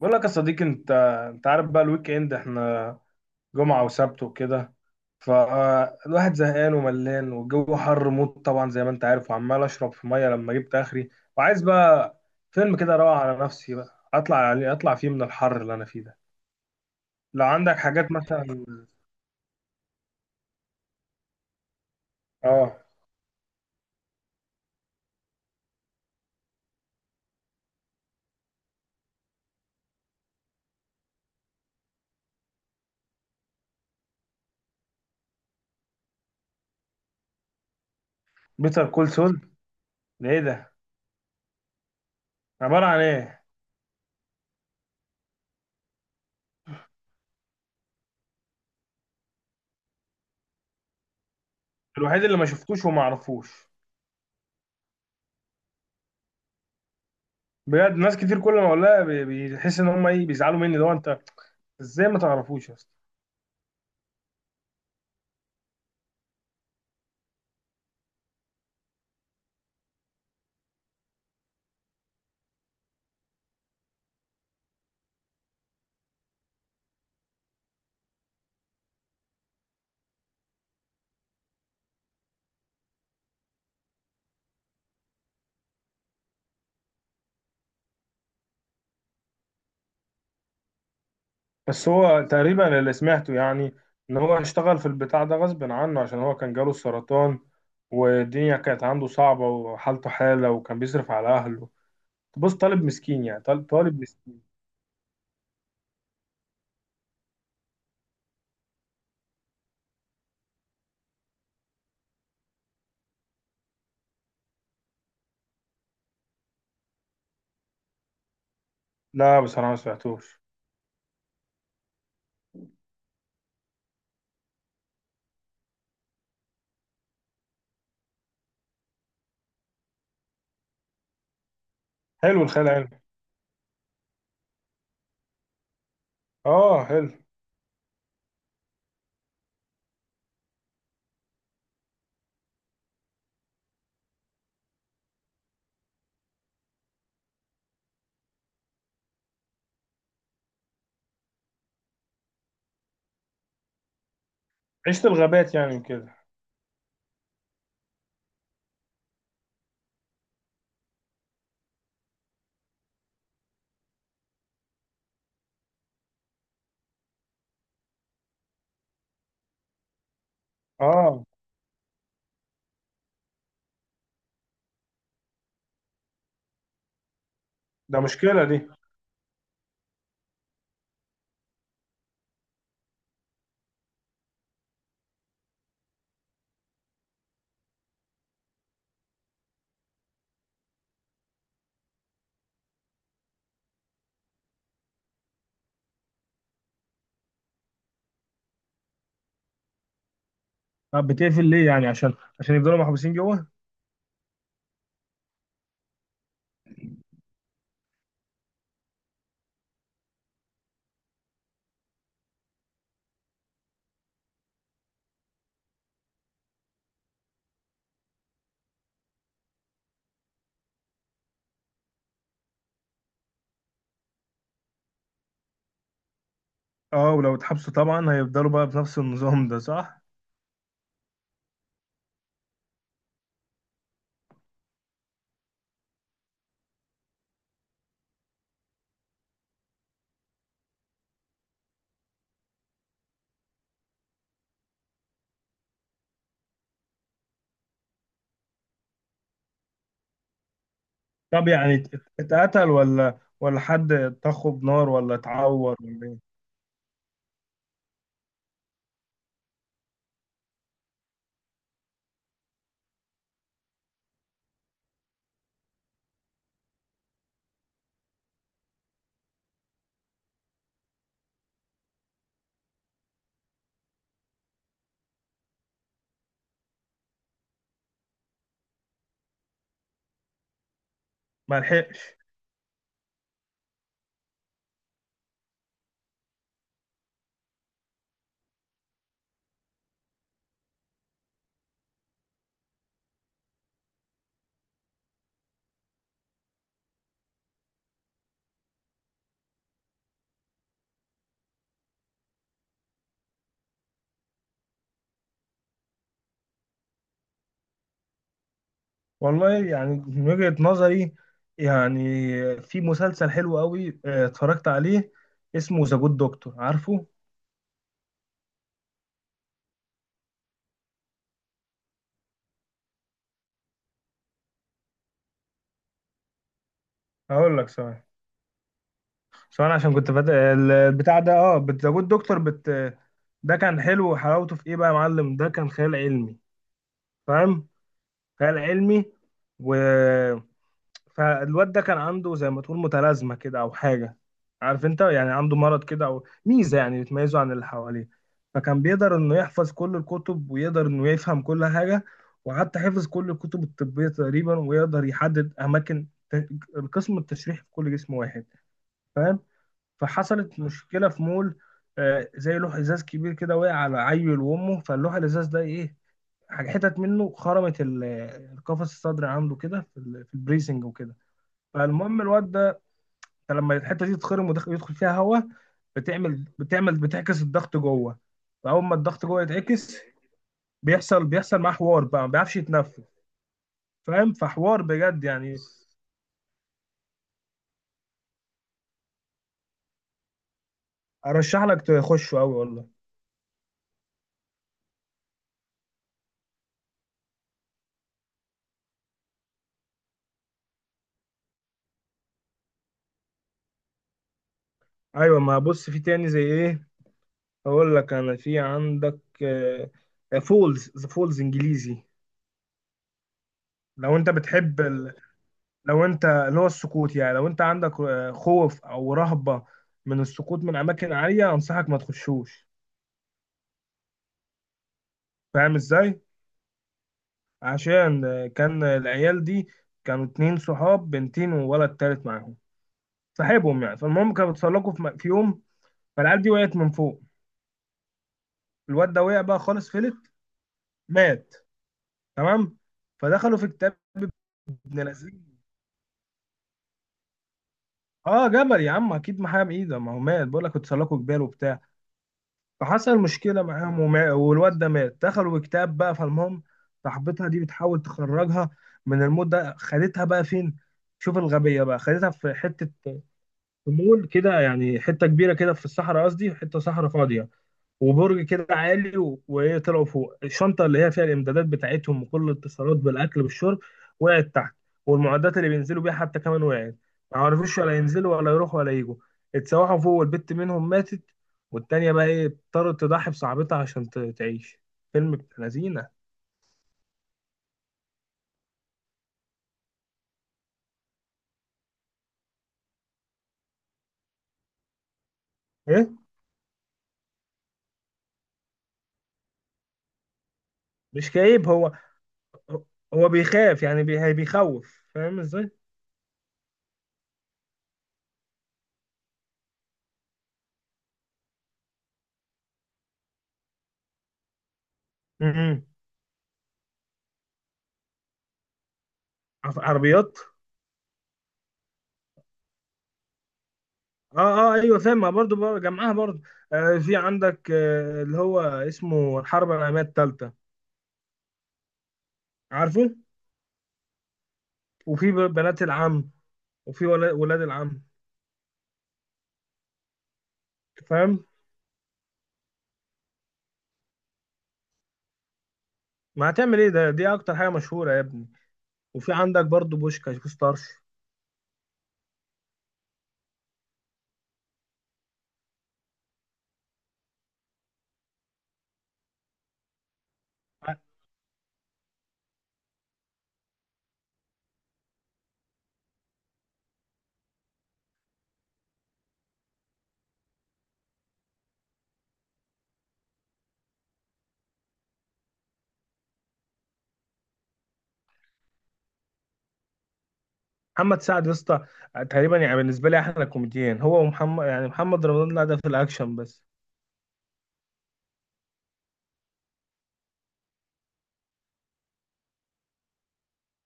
بقول لك يا صديقي انت. انت عارف بقى الويك اند احنا جمعة وسبت وكده. فالواحد زهقان وملان والجو حر موت طبعا زي ما انت عارف، وعمال اشرب في ميه لما جبت اخري وعايز بقى فيلم كده اروق على نفسي بقى، اطلع عليه اطلع فيه من الحر اللي انا فيه ده. لو عندك حاجات مثلا. اه. بيتر كول سول؟ ده ايه ده؟ عبارة عن ايه؟ الوحيد اللي ما شفتوش وما اعرفوش. بجد ناس كتير كل ما اقولها بيحس ان هم ايه، بيزعلوا مني. لو انت، ازاي ما تعرفوش يا اسطى؟ بس هو تقريبا اللي سمعته يعني ان هو اشتغل في البتاع ده غصب عنه، عشان هو كان جاله السرطان والدنيا كانت عنده صعبة وحالته حالة، وكان بيصرف على اهله. بص، طالب مسكين يعني، طالب مسكين. لا بصراحة ما سمعتوش. حلو الخيال العلمي. اه حلو. عشت الغابات يعني كده. اه، ده مشكلة دي. طب بتقفل ليه؟ يعني عشان يفضلوا محبوسين جوه؟ اه، ولو اتحبسوا طبعا هيفضلوا بقى بنفس النظام ده، صح؟ طب يعني اتقتل ولا، ولا حد طخه بنار، ولا اتعور ولا ايه؟ ما لحقش؟ والله يعني من وجهة نظري، يعني في مسلسل حلو قوي، اه، اتفرجت عليه اسمه ذا جود دكتور، عارفه؟ هقول لك. ثواني، ثواني عشان كنت فات البتاع ده. اه، ذا جود دكتور. بت ده كان حلو، وحلاوته في ايه بقى يا معلم؟ ده كان خيال علمي، فاهم؟ خيال علمي. و، فالواد ده كان عنده زي ما تقول متلازمة كده أو حاجة، عارف أنت؟ يعني عنده مرض كده أو ميزة يعني بتميزه عن اللي حواليه. فكان بيقدر إنه يحفظ كل الكتب ويقدر إنه يفهم كل حاجة، وحتى حفظ كل الكتب الطبية تقريبا، ويقدر يحدد أماكن القسم التشريحي في كل جسم واحد، فاهم؟ فحصلت مشكلة في مول، آه، زي لوح إزاز كبير كده وقع على عيل وأمه، فاللوح الإزاز ده إيه، حتت منه خرمت القفص الصدري عنده كده في في البريسنج وكده. فالمهم الواد ده، أنت لما الحته دي تتخرم ويدخل يدخل فيها هواء، بتعمل بتعكس الضغط جوه. فاول ما الضغط جوه يتعكس، بيحصل معاه حوار بقى، ما بيعرفش يتنفس، فاهم؟ فحوار بجد يعني. ارشح لك تخشه قوي والله. ايوه، ما بص في تاني زي ايه، اقول لك انا في عندك آه، فولز، ذا فولز، انجليزي. لو انت بتحب ال... لو انت اللي هو السقوط يعني، لو انت عندك آه، خوف او رهبة من السقوط من اماكن عالية، انصحك ما تخشوش، فاهم ازاي؟ عشان كان العيال دي كانوا اتنين صحاب، بنتين وولد تالت معاهم صاحبهم يعني. فالمهم كانوا بيتسلقوا في في يوم، فالعيال دي وقعت من فوق. الواد ده وقع بقى خالص، فلت، مات، تمام؟ فدخلوا في كتاب ابن لذين. اه جبل يا عم اكيد، ما حاجه بايده، ما هو مات بقول لك، اتسلقوا جبال وبتاع. فحصل مشكله معاهم وما... والواد ده مات، دخلوا في كتاب بقى. فالمهم صاحبتها دي بتحاول تخرجها من الموت ده. خدتها بقى فين؟ شوف الغبيه بقى، خدتها في حته في مول كده يعني حته كبيره كده في الصحراء، قصدي حته صحراء فاضيه، وبرج كده عالي و- وايه، طلعوا فوق. الشنطه اللي هي فيها الامدادات بتاعتهم وكل الاتصالات بالاكل بالشرب وقعت تحت، والمعدات اللي بينزلوا بيها حتى كمان وقعت. ما عرفوش ولا ينزلوا ولا يروحوا ولا يجوا. اتسوحوا فوق، والبت منهم ماتت، والتانية بقى ايه، اضطرت تضحي بصاحبتها عشان تعيش. فيلم ابن لذينه. ايه، مش كئيب هو. هو بيخاف يعني بيخوف، فاهم ازاي؟ م- م. عربيات؟ اه. اه ايوه فاهم، ما برضو جمعها برضو. آه في عندك آه اللي هو اسمه الحرب العالميه الثالثه، عارفه؟ وفي بنات العم، وفي ولاد العم. فاهم، ما هتعمل ايه، ده دي اكتر حاجه مشهوره يا ابني. وفي عندك برضو بوشكاش، بوستارش. محمد سعد يا اسطى، آه، تقريبا يعني بالنسبه لي احلى كوميديان هو، ومحمد يعني، محمد رمضان لا ده في الاكشن بس.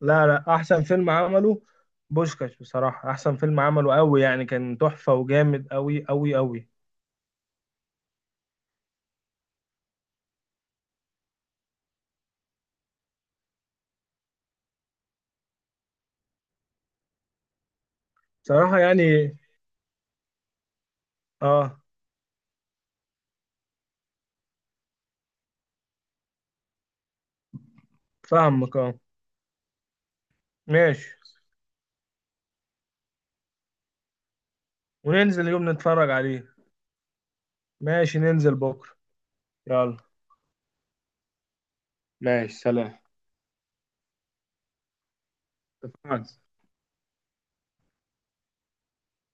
لا لا، احسن فيلم عمله بوشكاش، بصراحه احسن فيلم عمله، قوي يعني، كان تحفه وجامد قوي قوي قوي. بصراحه يعني، اه فاهمك اه. ماشي، وننزل يوم نتفرج عليه. ماشي ننزل بكرة. يلا. ماشي سلام. اتفقنا.